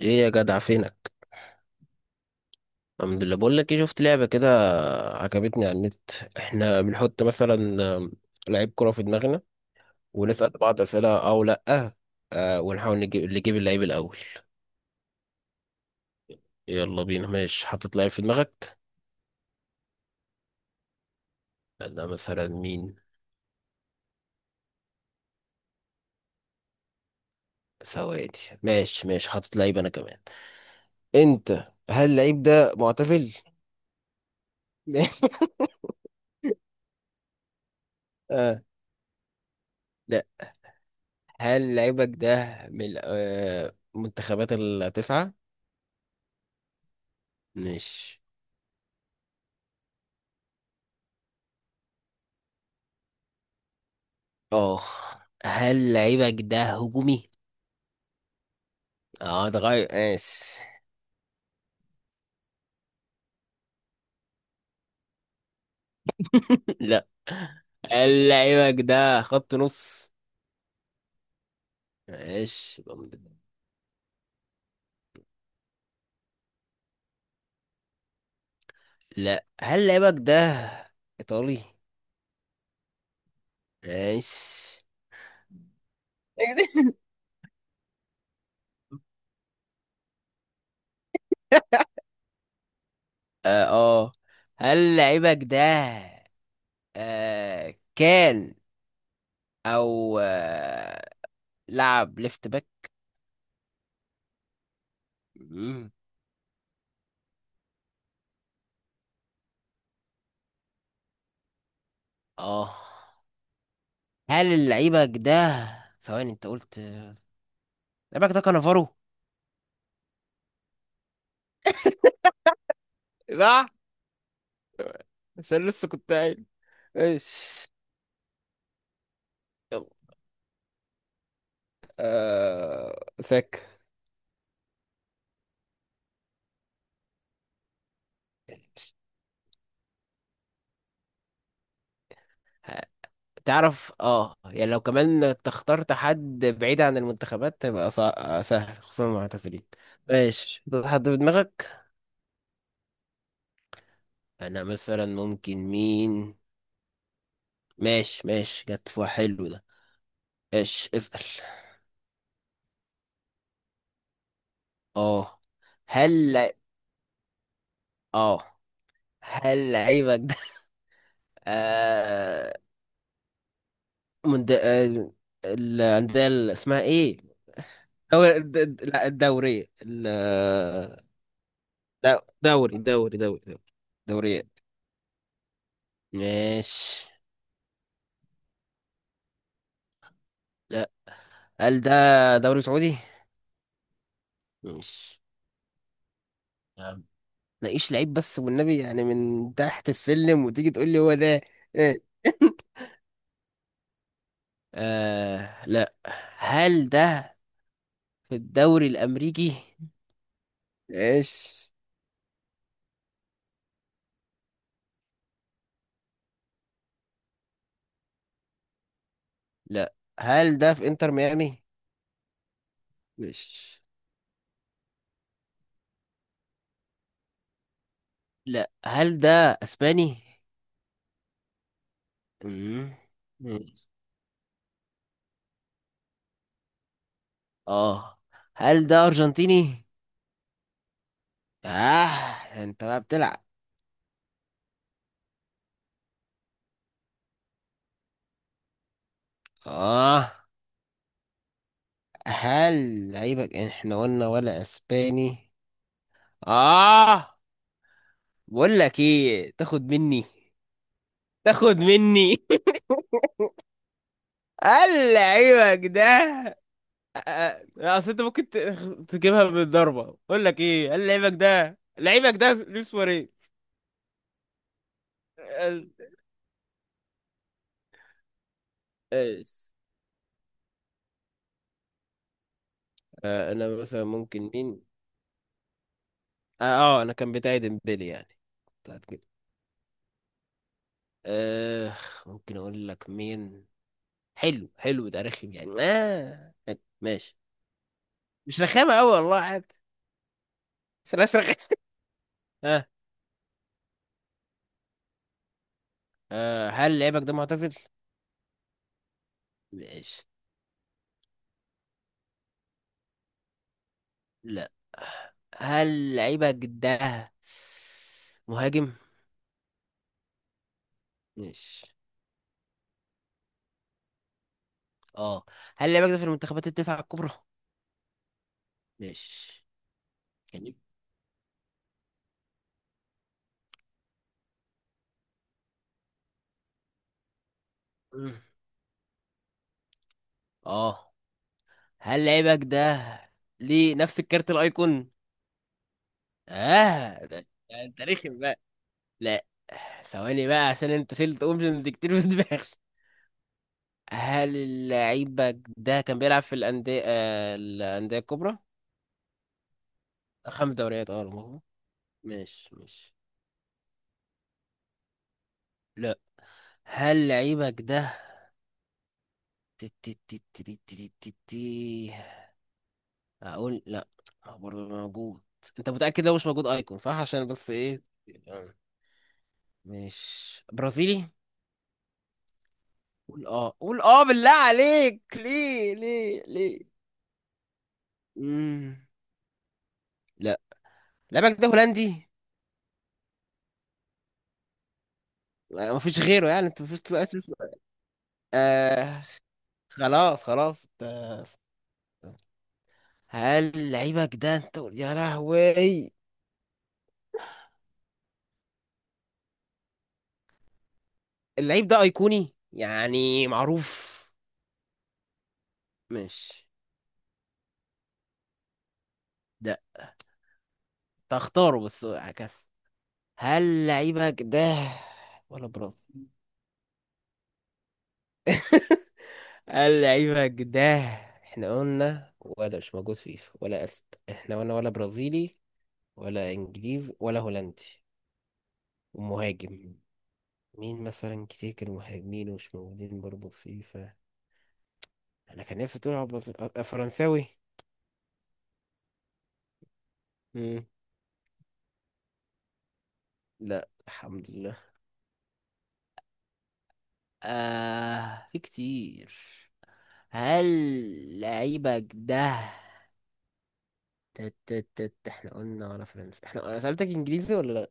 ايه يا جدع، فينك؟ الحمد لله. بقول لك ايه، شفت لعبه كده عجبتني على النت. احنا بنحط مثلا آم، لعيب كره في دماغنا ونسال بعض اسئله او لا. آه، ونحاول نجيب اللي يجيب اللعيب الاول. يلا بينا، ماشي حاطط لعيب في دماغك. انا مثلا مين؟ ثواني. ماشي ماشي، حاطط لعيب انا كمان. انت، هل اللعيب ده معتزل؟ اه. لا. هل لعيبك ده من منتخبات التسعه؟ ماشي. اه. هل لعيبك ده هجومي؟ اه ده غير، ماشي. لا. هل لعيبك ده خط نص؟ ماشي يبقى مد-. لا، هل لعيبك ده ايطالي؟ ماشي. اه، آه. هل لعيبك ده كان او آه لعب ليفت باك؟ مم. اه. هل لعيبك ده، ثواني انت قلت، لعيبك ده كانافارو؟ صح، عشان لسه كنت قايل ايش. يلا، ذاك. تعرف اه يعني، لو كمان انت اخترت حد بعيد عن المنتخبات تبقى صع... آه، سهل، خصوصا المعتزلين. ماشي، ده حد في دماغك؟ انا مثلا ممكن مين؟ ماشي ماشي، جت في واحد حلو ده. ايش اسأل؟ اه، هل، اه هل لعيبك ده آه... من د... آه... الأندية اللي اسمها ايه؟ دوري... الد- الد- لا الدورية ال- دوري دوريات. ماشي. لا، هل ده دوري سعودي؟ ماشي، يا عم ناقيش لعيب بس والنبي يعني، من تحت السلم وتيجي تقول لي هو ده. إيه؟ آه لا. هل ده في الدوري الأمريكي؟ ماشي. لا. هل ده في انتر ميامي؟ ماشي. لا. هل ده اسباني؟ امم ماشي. اه. هل ده ارجنتيني؟ اه، انت بقى بتلعب. اه. هل لعيبك، يعني احنا قلنا ولا اسباني. اه. بقول لك ايه، تاخد مني، تاخد مني. قال لعيبك ده، آه، اصل انت ممكن تجيبها بالضربه. بقول لك ايه، قال لعيبك ده، لعيبك ده لويس سواريز. قال-. ايش؟ آه، انا مثلا ممكن مين؟ اه، انا كان بتاعي ديمبلي يعني، بتاعت كده. آه. ممكن اقول لك مين؟ حلو حلو، ده رخم يعني، آه حلو. ماشي. مش رخامة أوي والله، عادي. بس أنا رخامة. ها. هل لعيبك ده معتزل؟ ماشي. لا. هل لعيبك ده مهاجم؟ ماشي. اه. هل لعيبك ده في المنتخبات التسعة الكبرى؟ ماشي، يعني. مم. اه. هل لعيبك ده ليه نفس الكارت الأيقون؟ اه ده، ده انت رخم بقى. لا، ثواني بقى، عشان انت شلت اوبشنز كتير في دماغي. هل اللعيبة ده كان بيلعب في الأندية الكبرى؟ خمس دوريات اه، المهم. ماشي ماشي. لا. هل لعيبك ده تي- تي- تي- تي- تي- تي- تي- تي- أقول لا، هو برضه موجود. أنت متأكد؟ لو مش موجود أيكون، صح، عشان بس إيه. آه، مش برازيلي؟ قول اه، قول اه، بالله عليك، ليه ليه ليه؟ مم. لا. لعيبك ده هولندي؟ آه، مفيش غيره يعني؟ أنت مفيش سؤال-. آه خلاص خلاص انت-. هل لعيبك ده، انت يا لهوي، اللعيب ده ايقوني يعني معروف، مش ده. تختاره بس عكس. هل لعيبك ده ولا برازيل؟ هل لعيبك ده، احنا قلنا ولا مش موجود في فيفا، ولا اسب، احنا قلنا ولا برازيلي ولا انجليزي ولا هولندي ومهاجم. مين مثلا كتير كانوا مهاجمين ومش موجودين برضه في فيفا؟ انا كان نفسي تقول على فرنساوي. لا، الحمد لله. آه، في كتير. هل لعيبك ده، تت تت تت احنا قلنا ولا فرنسا؟ احنا، انا سألتك انجليزي ولا لا.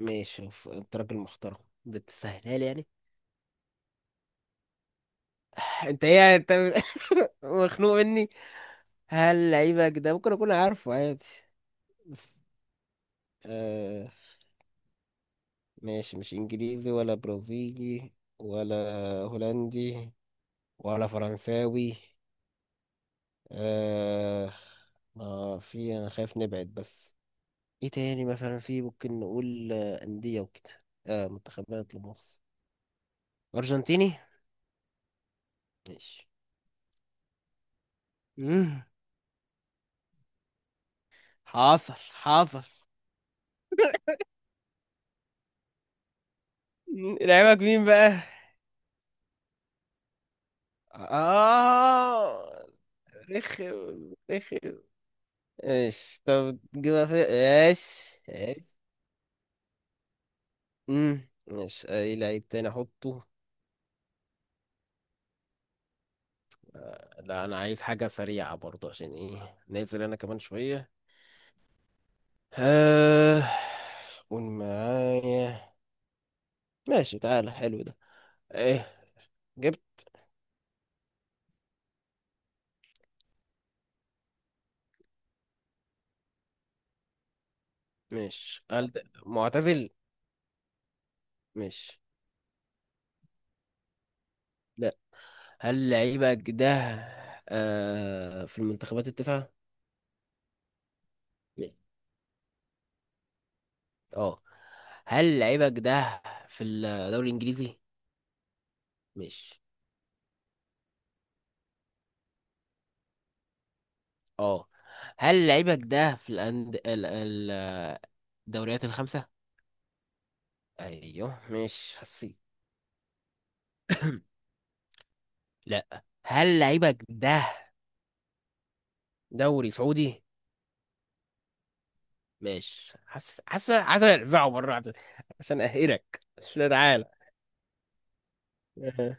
ماشي، ف- انت راجل محترم، بتسهلها لي يعني. انت ايه يعني؟ انت مخنوق مني. هل لعيبك ده ممكن اكون عارفه عادي؟ بس آه. ماشي، مش انجليزي ولا برازيلي ولا هولندي ولا فرنساوي. آه، آه، في، أنا خايف نبعد بس. إيه تاني مثلا في ممكن نقول، آه، أندية وكده، آه منتخبات، لمؤاخذة، أرجنتيني؟ ماشي. مم. حاصل حاصل. مم، لعيبك مين بقى؟ آه، رخم رخم. ايش؟ طب تجيبها في ايش، ايش؟ ايش؟ اي لعيب تاني احطه؟ لا انا عايز حاجة سريعة برضه، عشان ايه، نازل انا كمان شوية. آه. قول معايا. ماشي، تعالى حلو ده. ايه؟ جبت؟ مش هل ده معتزل؟ مش. لا. هل لعيبك ده في المنتخبات التسعة؟ لا. اه. هل لعيبك ده في الدوري الانجليزي؟ مش. اه. هل لعيبك ده في الدوريات الخمسة؟ ايوه، مش حسيت. لا. هل لعيبك ده دوري سعودي؟ ماشي، حاسس حاسس عايز ارزعه مره واحدة عشان اقهرك، مش، لا تعالى. آه.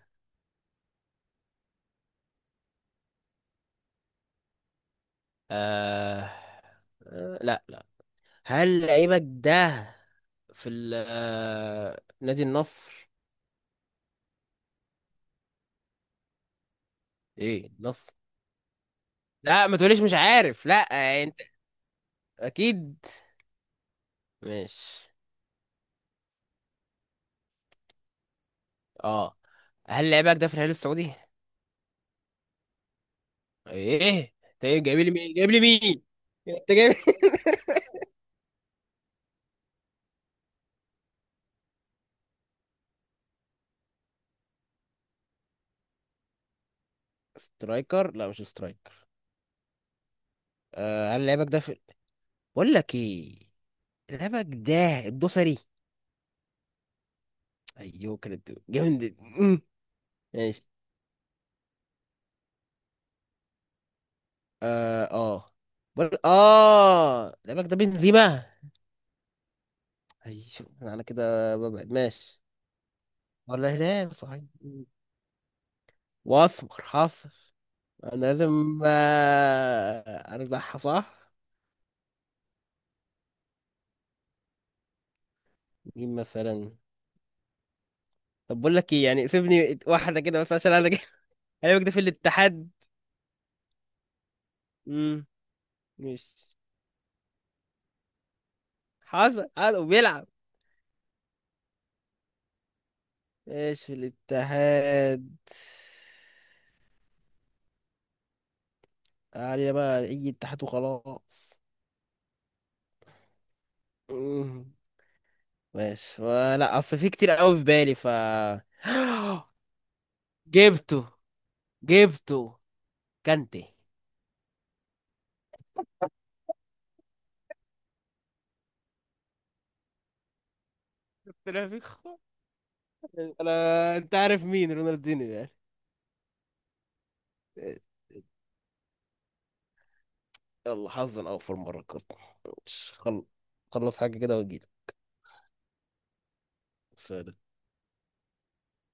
آه، لا لا. هل لعيبك ده في ال آه، نادي النصر؟ ايه النصر، لا ما تقوليش مش عارف، لا، انت اكيد. ماشي. اه. هل لعيبك ده في الهلال السعودي؟ ايه، انت إيه، جايب لي مين، جايب لي مين؟ انت جايب. سترايكر؟ لا مش سترايكر. آه، هل لعيبك ده في، بقول لك ايه، لعيبك ده الدوسري؟ ايوه كانت جامد، مم. ماشي. اه اه، بر-، اه لعبك ده بنزيما؟ ايوه، انا كده ببعد، ماشي، ولا هلال صحيح، مم. واسمر حاصل، انا لازم ارزعها صح. مين مثلا؟ طب بقول لك ايه، يعني سيبني واحده كده بس، عشان انا جاي. لعبك ده في الاتحاد؟ امم مش. حاصل حاصل، وبيلعب ايش في الاتحاد؟ علينا بقى اي اتحاد وخلاص، مم. ماشي، ولا اصل في كتير قوي في بالي ف. جبته، جبته، كانتي. طلع فيك خ-. انا، انت عارف مين رونالدينيو يعني؟ يلا، حظا اوفر مرة كده. مش خل... خلص حاجة كده. واجيلك.